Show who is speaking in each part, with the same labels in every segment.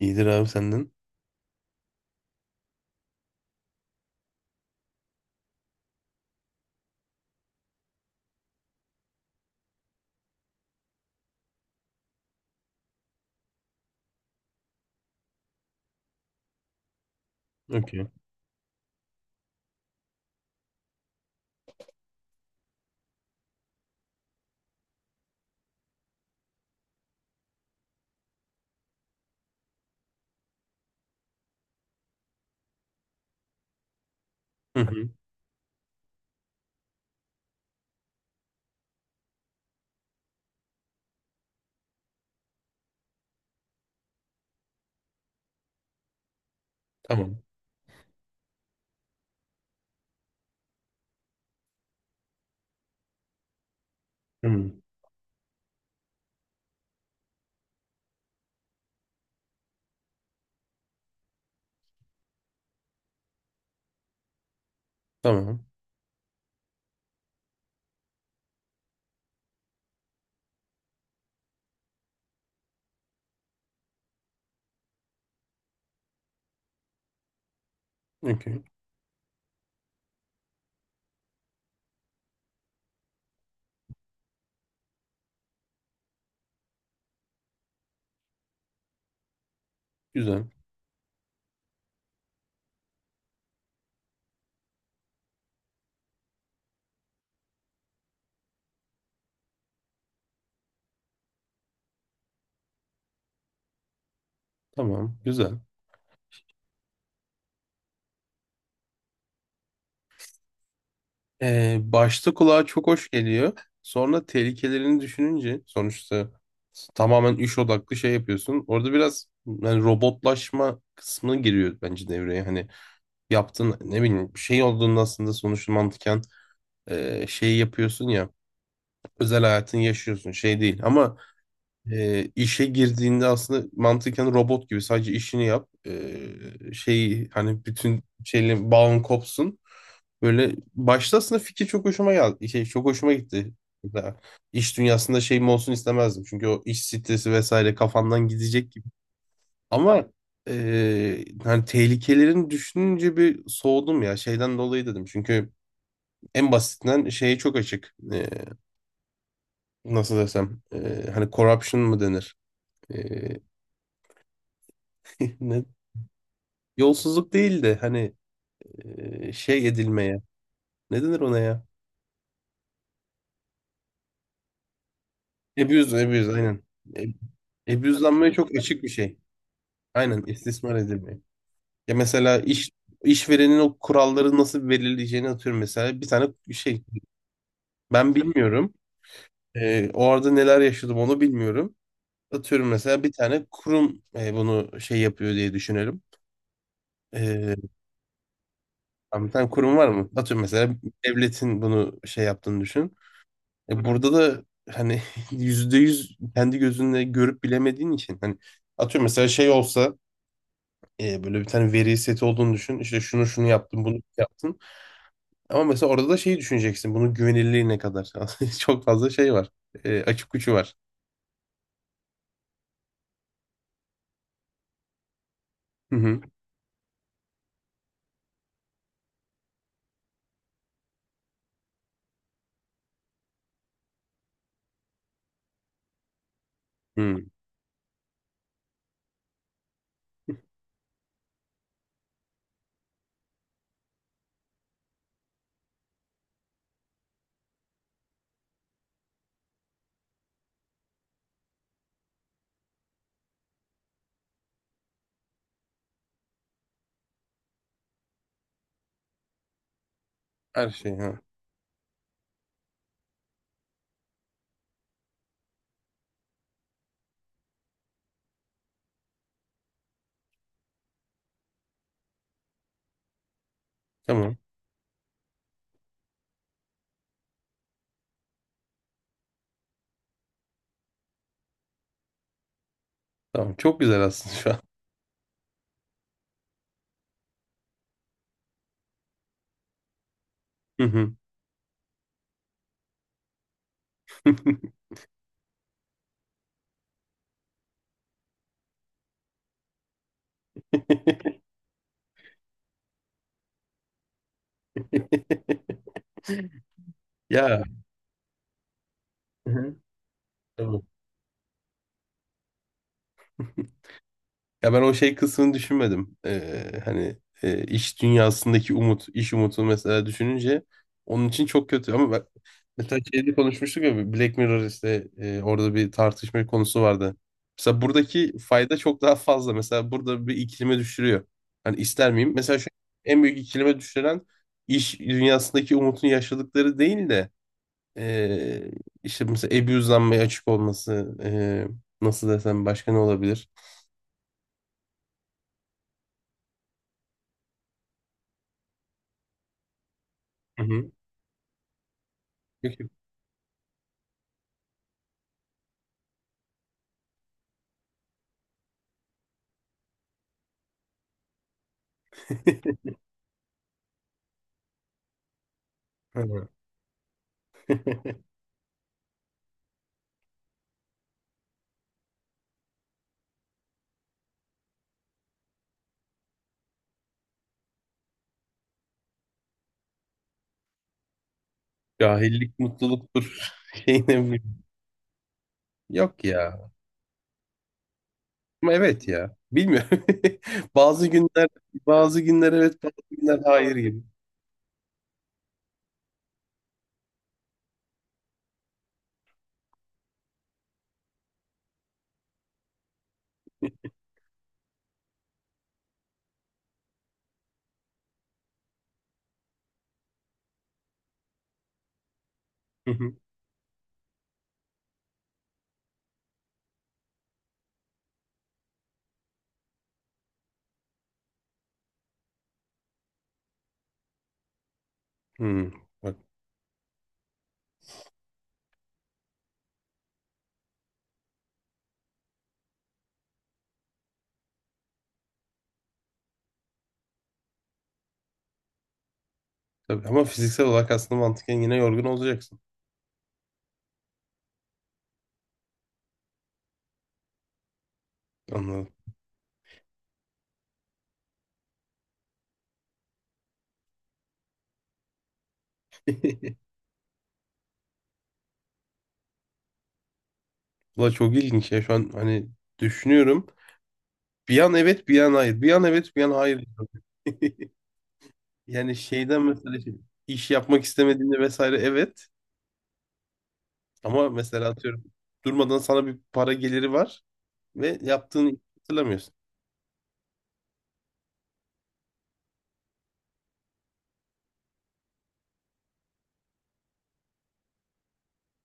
Speaker 1: İyidir abi senden. Okey. Hı hı. Tamam. Hı. Tamam. Okey. Güzel. Tamam. Güzel. Başta kulağa çok hoş geliyor. Sonra tehlikelerini düşününce sonuçta tamamen iş odaklı şey yapıyorsun. Orada biraz yani robotlaşma kısmı giriyor bence devreye. Hani yaptığın ne bileyim bir şey olduğunda aslında sonuçta mantıken şey yapıyorsun ya, özel hayatını yaşıyorsun şey değil ama işe girdiğinde aslında mantıken robot gibi sadece işini yap. Şey hani bütün şeyle bağın kopsun. Böyle başta aslında fikir çok hoşuma geldi. Şey, çok hoşuma gitti. Mesela iş dünyasında şeyim olsun istemezdim. Çünkü o iş stresi vesaire kafandan gidecek gibi. Ama hani tehlikelerini düşününce bir soğudum ya şeyden dolayı dedim. Çünkü en basitinden şeye çok açık. Nasıl desem hani corruption mı denir? E, ne? Yolsuzluk değil de hani şey edilmeye. Ne denir ona ya? Abuse, abuse aynen. E, Abuse'lanmaya çok açık bir şey. Aynen istismar edilmeye. Ya mesela işverenin o kuralları nasıl belirleyeceğini atıyorum mesela. Bir tane şey, ben bilmiyorum. O arada neler yaşadım onu bilmiyorum. Atıyorum mesela bir tane kurum bunu şey yapıyor diye düşünelim. E, tamam, bir tane kurum var mı? Atıyorum mesela devletin bunu şey yaptığını düşün. E burada da hani %100 kendi gözünle görüp bilemediğin için hani atıyorum mesela şey olsa böyle bir tane veri seti olduğunu düşün. İşte şunu şunu yaptım, bunu yaptım. Ama mesela orada da şeyi düşüneceksin. Bunun güvenilirliği ne kadar? Çok fazla şey var. Açık uçu var. Hı hı. Hı. Her şey ha. Tamam. Tamam. Çok güzel aslında şu an. Hı hı. Ya. Hı hı. Tamam. Ya ben o şey kısmını düşünmedim. Hani iş dünyasındaki umut, iş umutu mesela düşününce onun için çok kötü. Ama ben, mesela şeyde konuşmuştuk ya, Black Mirror işte orada bir tartışma konusu vardı. Mesela buradaki fayda çok daha fazla. Mesela burada bir ikilime düşürüyor. Hani ister miyim? Mesela şu en büyük ikilime düşüren iş dünyasındaki umutun yaşadıkları değil de e, işte mesela abuse'lanmaya açık olması, nasıl desem başka ne olabilir? Hı hı. Yok, yok. Evet. Cahillik mutluluktur. Şeyine ne. Yok ya. Ama evet ya. Bilmiyorum. Bazı günler, bazı günler evet, bazı günler hayır gibi. Hı hı. Hmm. Bak, tabii. Ama fiziksel olarak aslında mantıken yine yorgun olacaksın. Anladım. Valla çok ilginç ya şu an hani düşünüyorum. Bir an evet, bir an hayır. Bir an evet, bir an hayır, diyorum. Yani şeyden mesela şey, iş yapmak istemediğinde vesaire evet. Ama mesela atıyorum durmadan sana bir para geliri var ve yaptığını hiç hatırlamıyorsun.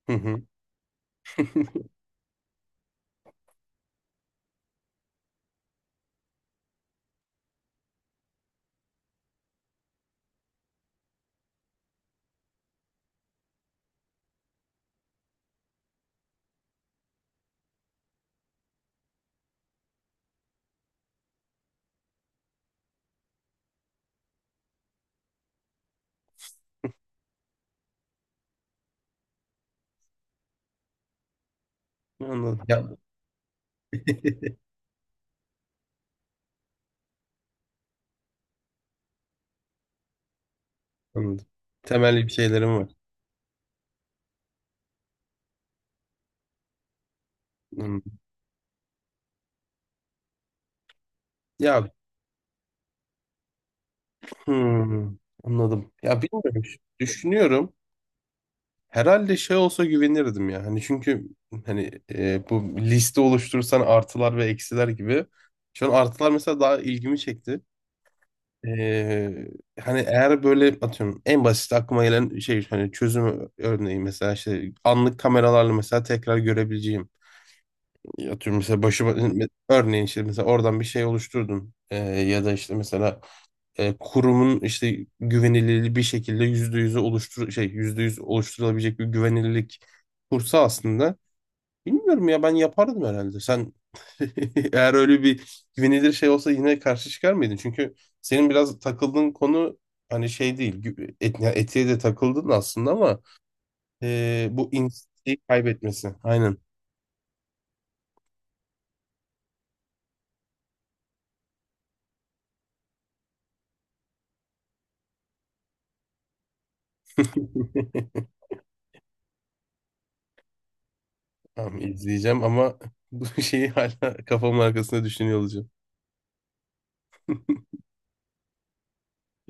Speaker 1: Hı hı. Anladım. Ya. Anladım. Temelli bir şeylerim var. Hmm. Ya hmm, anladım. Ya bilmiyorum. Düşünüyorum. Herhalde şey olsa güvenirdim ya. Hani çünkü hani bu liste oluşturursan artılar ve eksiler gibi. Şu an artılar mesela daha ilgimi çekti. E, Hani eğer böyle atıyorum en basit aklıma gelen şey, hani çözüm örneği mesela işte anlık kameralarla mesela tekrar görebileceğim. Ya atıyorum mesela başıma örneğin işte mesela oradan bir şey oluşturdum. Ya da işte mesela kurumun işte güvenilirliği bir şekilde %100'e oluştur şey %100 oluşturulabilecek bir güvenilirlik kursa aslında, bilmiyorum ya, ben yapardım herhalde. Sen eğer öyle bir güvenilir şey olsa yine karşı çıkar mıydın, çünkü senin biraz takıldığın konu hani şey değil, ya etiğe de takıldın aslında, ama bu insiyi kaybetmesi aynen. Tamam, izleyeceğim ama bu şeyi hala kafamın arkasında düşünüyor olacağım.